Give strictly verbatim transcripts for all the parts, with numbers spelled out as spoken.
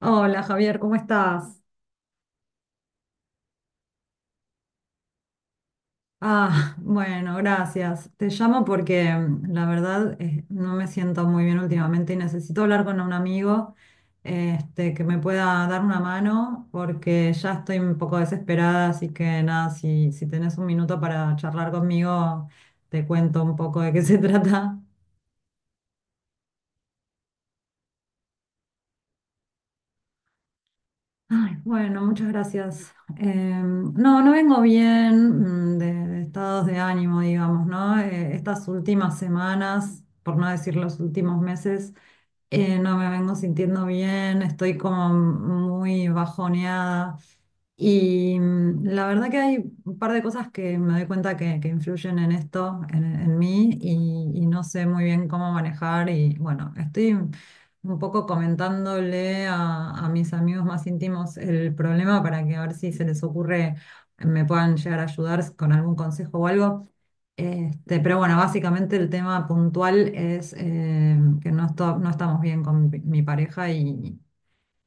Hola Javier, ¿cómo estás? Ah, bueno, gracias. Te llamo porque mm, la verdad eh, no me siento muy bien últimamente y necesito hablar con un amigo este, que me pueda dar una mano porque ya estoy un poco desesperada, así que nada, si, si tenés un minuto para charlar conmigo, te cuento un poco de qué se trata. Ay, bueno, muchas gracias. Em, no, no vengo bien, mm, de, de estados de ánimo, digamos, ¿no? Eh, estas últimas semanas, por no decir los últimos meses, eh, no me vengo sintiendo bien, estoy como muy bajoneada. Y mm, la verdad que hay un par de cosas que me doy cuenta que, que influyen en esto, en, en mí, y, y no sé muy bien cómo manejar. Y bueno, estoy un poco comentándole a, a mis amigos más íntimos el problema para que a ver si se les ocurre, eh, me puedan llegar a ayudar con algún consejo o algo. Este, pero bueno, básicamente el tema puntual es eh, que no, esto- no estamos bien con mi mi pareja, y,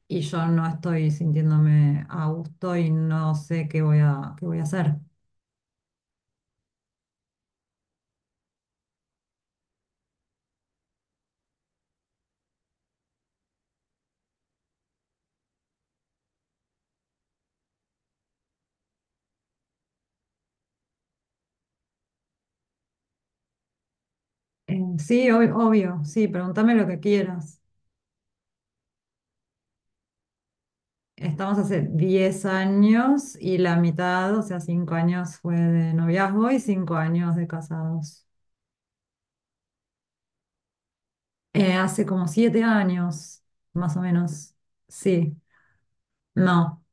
y yo no estoy sintiéndome a gusto y no sé qué voy a, qué voy a hacer. Eh, sí, ob- obvio, sí, pregúntame lo que quieras. Estamos hace diez años y la mitad, o sea, cinco años fue de noviazgo y cinco años de casados. Eh, hace como siete años, más o menos. Sí, no.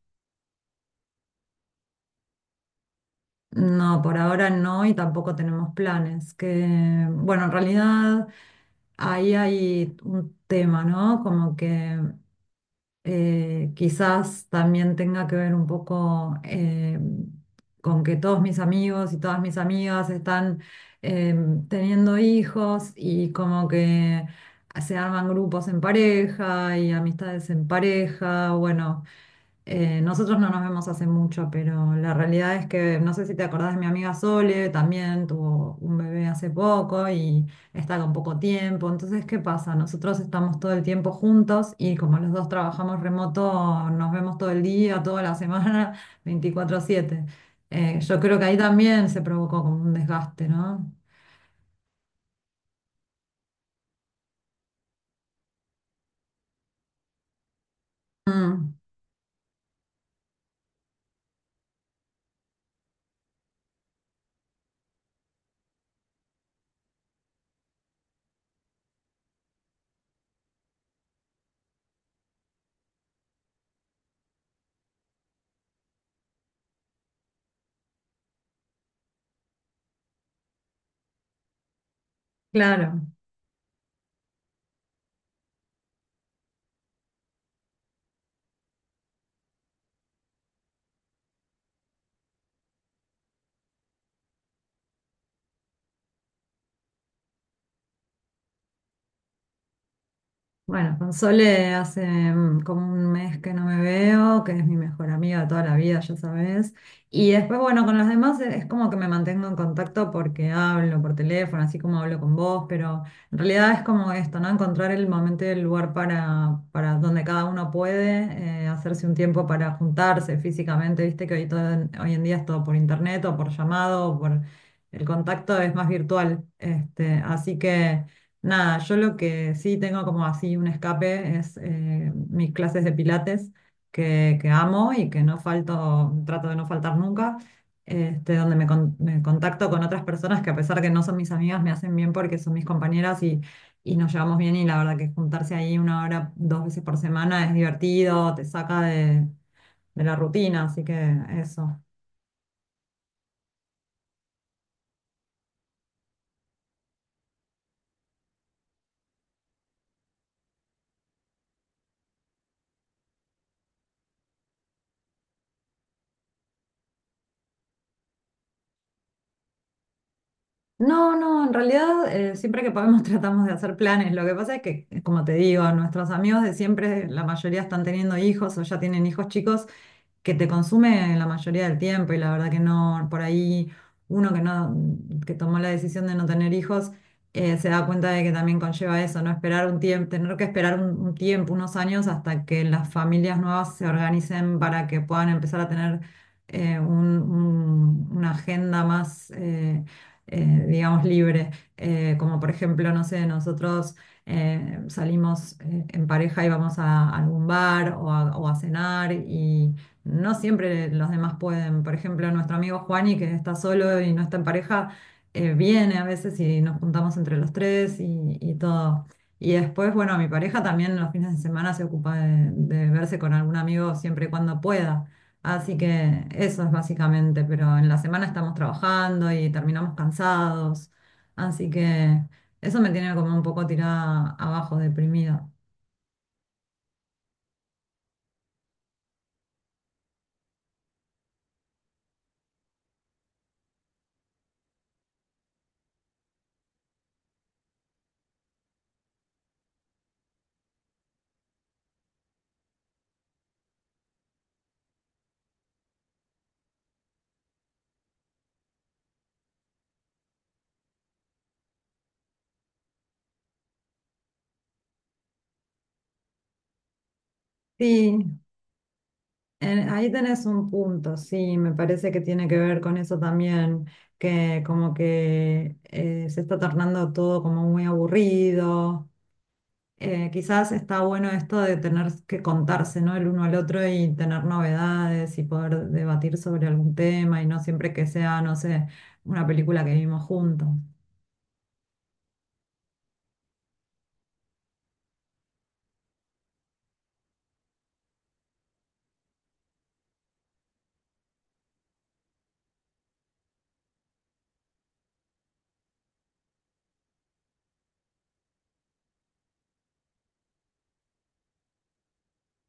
No, por ahora no y tampoco tenemos planes. Que, bueno, en realidad ahí hay un tema, ¿no? Como que eh, quizás también tenga que ver un poco, eh, con que todos mis amigos y todas mis amigas están eh, teniendo hijos y como que se arman grupos en pareja y amistades en pareja. Bueno. Eh, nosotros no nos vemos hace mucho, pero la realidad es que no sé si te acordás de mi amiga Sole, también tuvo un bebé hace poco y está con poco tiempo. Entonces, ¿qué pasa? Nosotros estamos todo el tiempo juntos y como los dos trabajamos remoto, nos vemos todo el día, toda la semana, veinticuatro siete. Eh, yo creo que ahí también se provocó como un desgaste, ¿no? Mm, claro. Bueno, con Sole hace mm, como un mes que no me veo, que es mi mejor amiga de toda la vida, ya sabes. Y después, bueno, con los demás e- es como que me mantengo en contacto porque hablo por teléfono, así como hablo con vos, pero en realidad es como esto, ¿no? Encontrar el momento y el lugar para, para donde cada uno puede eh, hacerse un tiempo para juntarse físicamente, viste que hoy, todo, en- hoy en día es todo por internet o por llamado o por... El contacto es más virtual, este, así que... Nada, yo lo que sí tengo como así un escape es eh, mis clases de pilates que, que amo y que no falto, trato de no faltar nunca, este, donde me, con- me contacto con otras personas que a pesar que no son mis amigas, me hacen bien porque son mis compañeras y, y nos llevamos bien y la verdad que juntarse ahí una hora, dos veces por semana es divertido, te saca de, de la rutina, así que eso. No, no, en realidad, eh, siempre que podemos tratamos de hacer planes. Lo que pasa es que, como te digo, nuestros amigos de siempre, la mayoría están teniendo hijos o ya tienen hijos chicos que te consume la mayoría del tiempo y la verdad que no, por ahí uno que no, que tomó la decisión de no tener hijos, eh, se da cuenta de que también conlleva eso, ¿no? Esperar un tiempo, tener que esperar un, un tiempo, unos años hasta que las familias nuevas se organicen para que puedan empezar a tener eh, un- un- una agenda más, eh, eh, digamos, libre. Eh, como por ejemplo, no sé, nosotros eh, salimos eh, en pareja y vamos a algún bar o a, o a cenar. No siempre los demás pueden. Por ejemplo, nuestro amigo Juani, que está solo y no está en pareja, eh, viene a veces y nos juntamos entre los tres y, y todo. Y después, bueno, mi pareja también los fines de semana se ocupa de, de verse con algún amigo siempre y cuando pueda. Así que eso es básicamente, pero en la semana estamos trabajando y terminamos cansados. Así que eso me tiene como un poco tirada abajo, deprimida. Sí. En- Ahí tenés un punto, sí, me parece que tiene que ver con eso también, que como que eh, se está tornando todo como muy aburrido. Eh, quizás está bueno esto de tener que contarse, ¿no? El uno al otro y tener novedades y poder debatir sobre algún tema y no siempre que sea, no sé, una película que vimos juntos.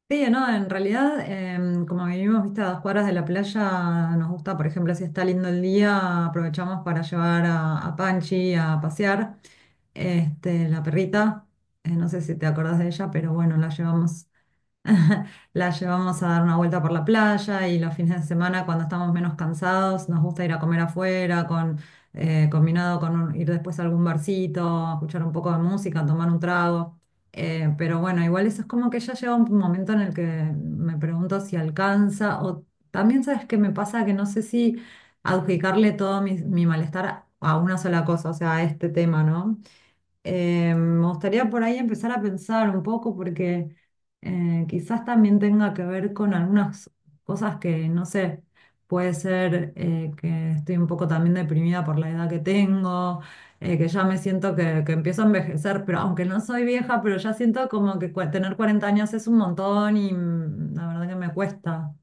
Sí, no, en realidad, em, como vivimos, viste, a dos cuadras de la playa, nos gusta, por ejemplo, si está lindo el día, aprovechamos para llevar a, a Panchi a pasear, este, la perrita, eh, no sé si te acordás de ella, pero bueno, la llevamos la llevamos a dar una vuelta por la playa y los fines de semana, cuando estamos menos cansados, nos gusta ir a comer afuera, con, eh, combinado con un- ir después a algún barcito, escuchar un poco de música, tomar un trago. Eh, pero bueno, igual eso es como que ya llega un momento en el que me pregunto si alcanza, o también sabes qué me pasa, que no sé si adjudicarle todo mi, mi malestar a una sola cosa, o sea, a este tema, ¿no? Eh, me gustaría por ahí empezar a pensar un poco, porque eh, quizás también tenga que ver con algunas cosas que, no sé, puede ser, eh, que estoy un poco también deprimida por la edad que tengo, eh, que ya me siento que, que, empiezo a envejecer, pero aunque no soy vieja, pero ya siento como que cua- tener cuarenta años es un montón y mm, la verdad que me cuesta.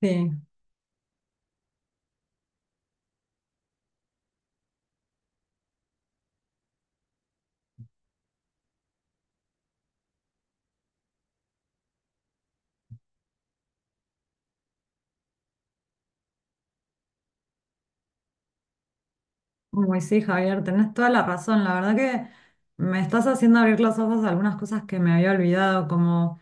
Sí. Uy, sí, Javier, tenés toda la razón. La verdad que me estás haciendo abrir los ojos a algunas cosas que me había olvidado, como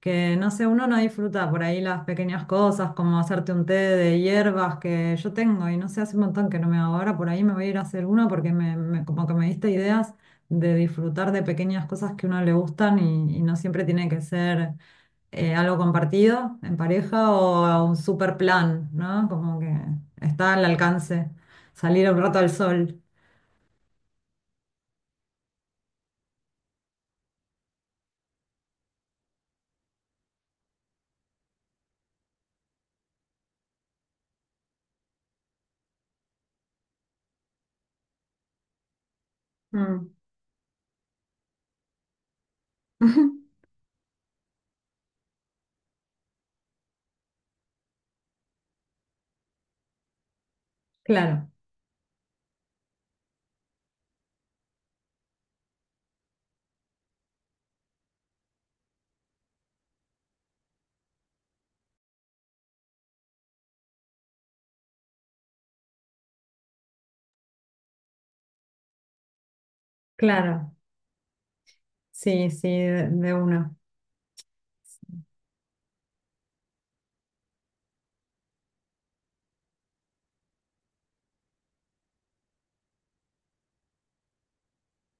que, no sé, uno no disfruta por ahí las pequeñas cosas, como hacerte un té de hierbas que yo tengo y no sé, hace un montón que no me hago. Ahora por ahí me voy a ir a hacer uno porque me, me- como que me diste ideas de disfrutar de pequeñas cosas que a uno le gustan, y, y no siempre tiene que ser eh, algo compartido en pareja o un super plan, ¿no? Como que está al alcance salir un rato al sol. Mm. Claro, claro. Sí, sí, de, de uno. Sí.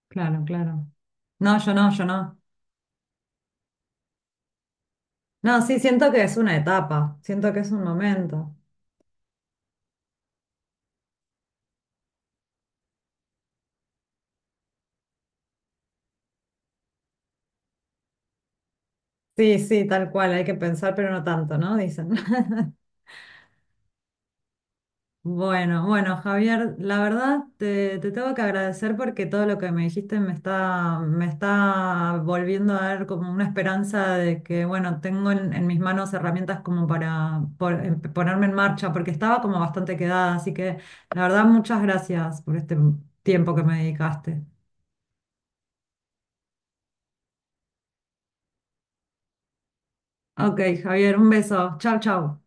Claro, claro. No, yo no, yo no. No, sí, siento que es una etapa, siento que es un momento. Sí, sí, tal cual, hay que pensar, pero no tanto, ¿no? Dicen. Bueno, bueno, Javier, la verdad te, te tengo que agradecer porque todo lo que me dijiste me está, me está volviendo a dar como una esperanza de que, bueno, tengo en, en mis manos herramientas como para por- em- ponerme en marcha, porque estaba como bastante quedada, así que la verdad muchas gracias por este tiempo que me dedicaste. Ok, Javier, un beso. Chau, chau.